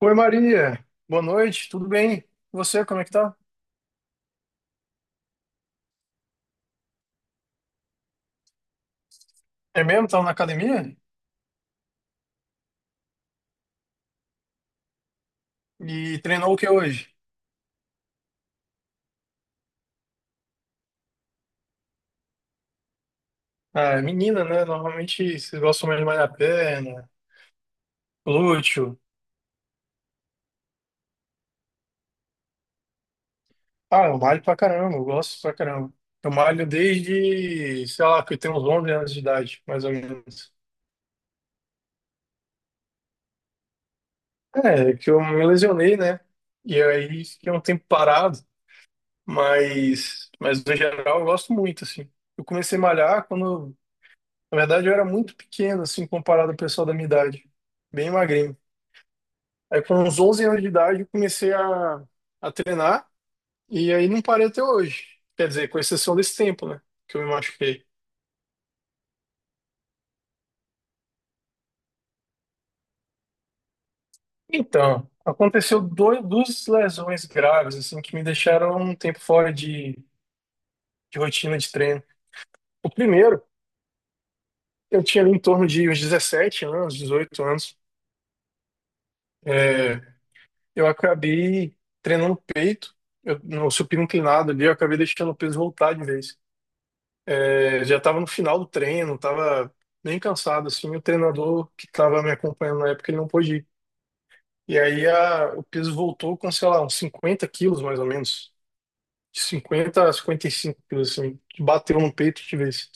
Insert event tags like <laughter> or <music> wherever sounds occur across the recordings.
Oi Maria, boa noite, tudo bem? E Você, como é que tá? É mesmo? Tava na academia? E treinou o que hoje? Ah, é menina, né? Normalmente vocês gostam mais de malhar a perna, glúteo. Ah, eu malho pra caramba, eu gosto pra caramba. Eu malho desde, sei lá, que eu tenho uns 11 anos de idade, mais ou menos. É, que eu me lesionei, né? E aí fiquei um tempo parado, mas no geral eu gosto muito, assim. Eu comecei a malhar quando Na verdade, eu era muito pequeno, assim, comparado ao pessoal da minha idade. Bem magrinho. Aí, com uns 11 anos de idade, eu comecei a treinar. E aí, não parei até hoje. Quer dizer, com exceção desse tempo, né? Que eu me machuquei. Então, aconteceu dois, duas lesões graves, assim, que me deixaram um tempo fora de rotina de treino. O primeiro, eu tinha ali em torno de uns 17 anos, 18 anos. É, eu acabei treinando peito, eu, no supino inclinado ali, eu acabei deixando o peso voltar de vez. É, já estava no final do treino, estava bem cansado, assim, o treinador que estava me acompanhando na época, ele não pôde ir. E aí o peso voltou com, sei lá, uns 50 quilos, mais ou menos. De 50 a 55 quilos, assim, que bateu no peito de vez.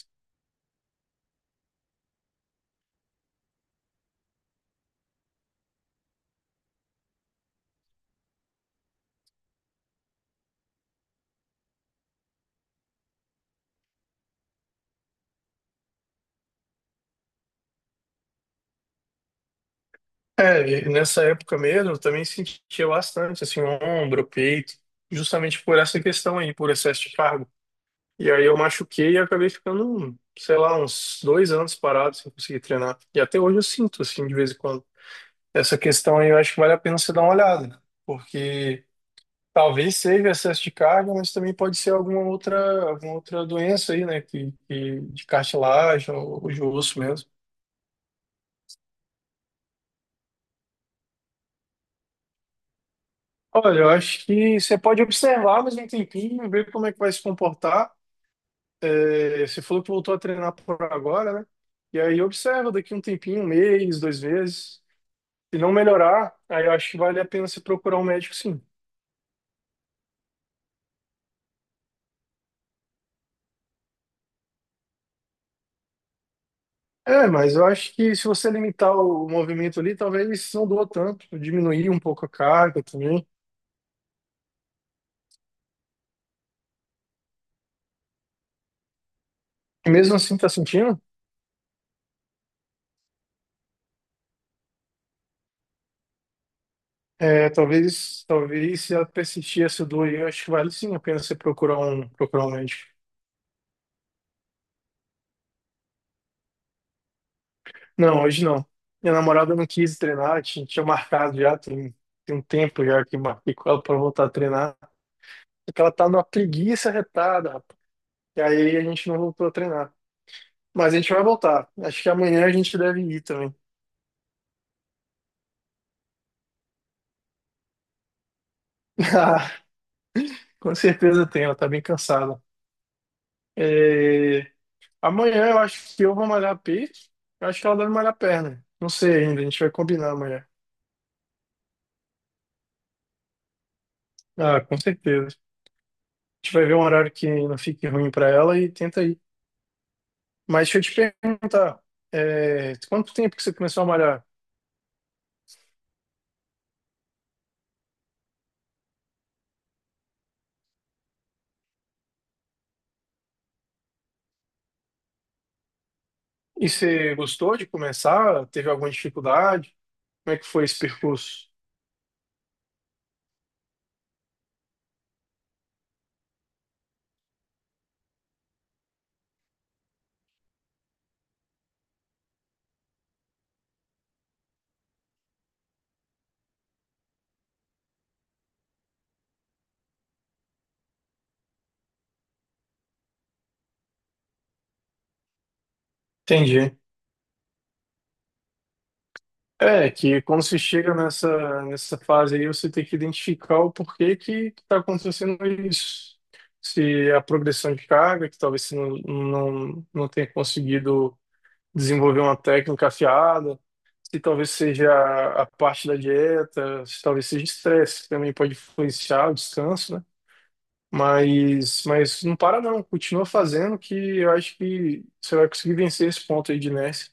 É, e nessa época mesmo, eu também sentia bastante, assim, ombro, peito, justamente por essa questão aí, por excesso de cargo. E aí eu machuquei e acabei ficando, sei lá, uns dois anos parado sem conseguir treinar. E até hoje eu sinto, assim, de vez em quando. Essa questão aí eu acho que vale a pena você dar uma olhada, né? Porque talvez seja excesso de carga, mas também pode ser alguma outra doença aí, né, de cartilagem ou de osso mesmo. Olha, eu acho que você pode observar mais um tempinho, ver como é que vai se comportar. É, você falou que voltou a treinar por agora, né? E aí observa daqui um tempinho, um mês, dois meses. Se não melhorar, aí eu acho que vale a pena você procurar um médico, sim. É, mas eu acho que se você limitar o movimento ali, talvez não doa tanto, diminuir um pouco a carga também. E mesmo assim, tá sentindo? É, talvez se ela persistir essa dor, aí, eu acho que vale sim a pena você procurar procurar um médico. Não, hoje não. Minha namorada não quis treinar, tinha marcado já, tem um tempo já que marquei com ela para voltar a treinar. Porque ela tá numa preguiça retada, rapaz. E aí a gente não voltou a treinar. Mas a gente vai voltar. Acho que amanhã a gente deve ir também. <laughs> Com certeza tem, ela tá bem cansada. É, amanhã eu acho que eu vou malhar a Eu acho que ela deve malhar perna. Não sei ainda, a gente vai combinar amanhã. Ah, com certeza. A gente vai ver um horário que não fique ruim pra ela e tenta ir. Mas deixa eu te perguntar, quanto tempo que você começou a malhar? E você gostou de começar? Teve alguma dificuldade? Como é que foi esse percurso? Entendi. É, que quando você chega nessa fase aí, você tem que identificar o porquê que está acontecendo isso. Se é a progressão de carga, que talvez você não tenha conseguido desenvolver uma técnica afiada, se talvez seja a parte da dieta, se talvez seja estresse, que também pode influenciar o descanso, né? Mas não para não, continua fazendo que eu acho que você vai conseguir vencer esse ponto aí de inércia.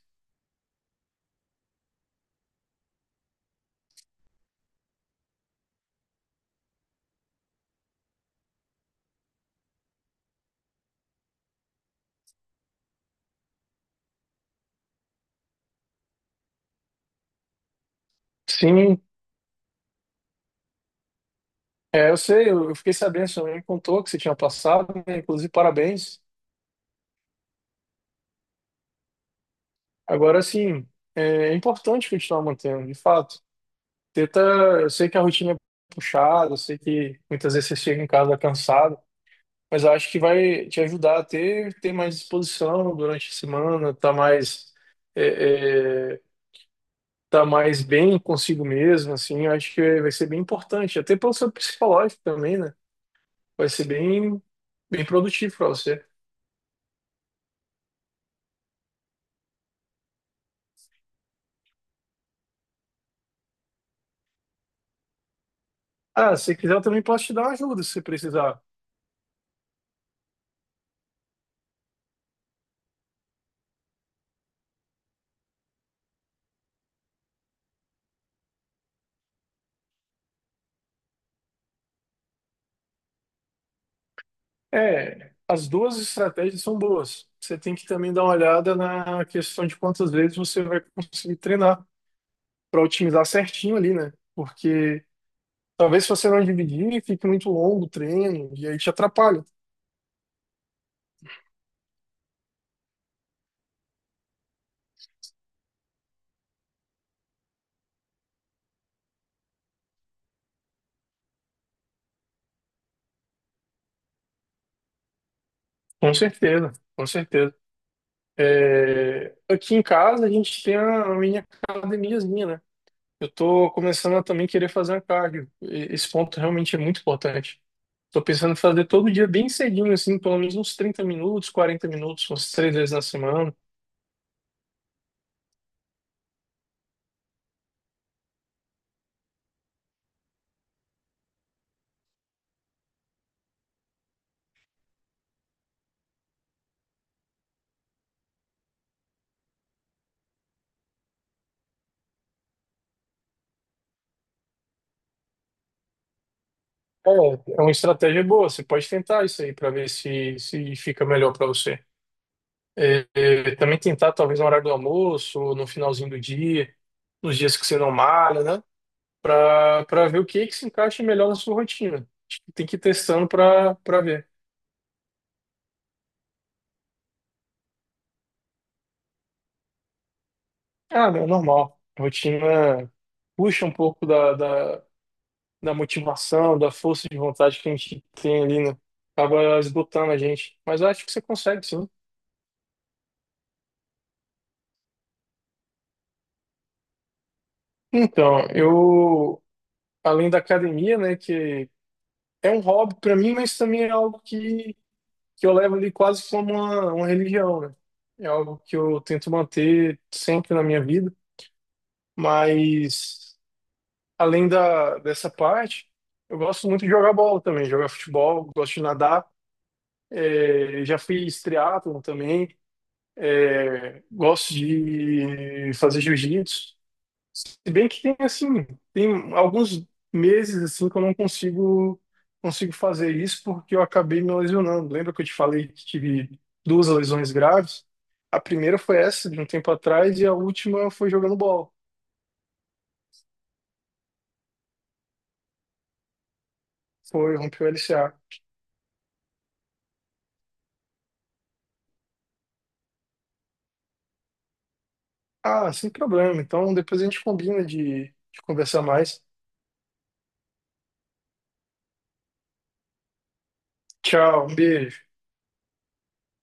Sim, é, eu sei, eu fiquei sabendo, sua mãe me contou que você tinha passado, né? Inclusive, parabéns. Agora, assim, é é importante continuar mantendo, de fato. Tenta, eu sei que a rotina é puxada, eu sei que muitas vezes você chega em casa cansado, mas eu acho que vai te ajudar a ter mais disposição durante a semana, tá mais, é, é, tá mais bem consigo mesmo, assim, eu acho que vai ser bem importante, até para o seu psicológico também, né? Vai ser bem, bem produtivo para você. Ah, se quiser, eu também posso te dar uma ajuda se precisar. É, as duas estratégias são boas. Você tem que também dar uma olhada na questão de quantas vezes você vai conseguir treinar para otimizar certinho ali, né? Porque talvez se você não dividir, fique muito longo o treino e aí te atrapalha. Com certeza. É, aqui em casa a gente tem a minha academiazinha, né? Eu tô começando a também querer fazer um cardio. Esse ponto realmente é muito importante. Tô pensando em fazer todo dia bem cedinho, assim, pelo menos uns 30 minutos, 40 minutos, umas três vezes na semana. É, é uma estratégia boa. Você pode tentar isso aí para ver se fica melhor para você. Também tentar, talvez, no horário do almoço, ou no finalzinho do dia, nos dias que você não malha, né? Para ver o que que se encaixa melhor na sua rotina. Acho que tem que ir testando para ver. Ah, meu, normal. Rotina puxa um pouco da motivação, da força de vontade que a gente tem ali, né? Acaba esgotando a gente. Mas eu acho que você consegue, sim. Então, eu, além da academia, né, que é um hobby para mim, mas também é algo que eu levo ali quase como uma religião, né? É algo que eu tento manter sempre na minha vida. Mas, além dessa parte, eu gosto muito de jogar bola também, jogar futebol, gosto de nadar. É, já fiz triatlon também. É, gosto de fazer jiu-jitsu. Se bem que tem assim, tem alguns meses assim que eu não consigo fazer isso porque eu acabei me lesionando. Lembra que eu te falei que tive duas lesões graves? A primeira foi essa de um tempo atrás e a última foi jogando bola. Foi, rompeu o LCA. Ah, sem problema. Então depois a gente combina de conversar mais. Tchau, um beijo.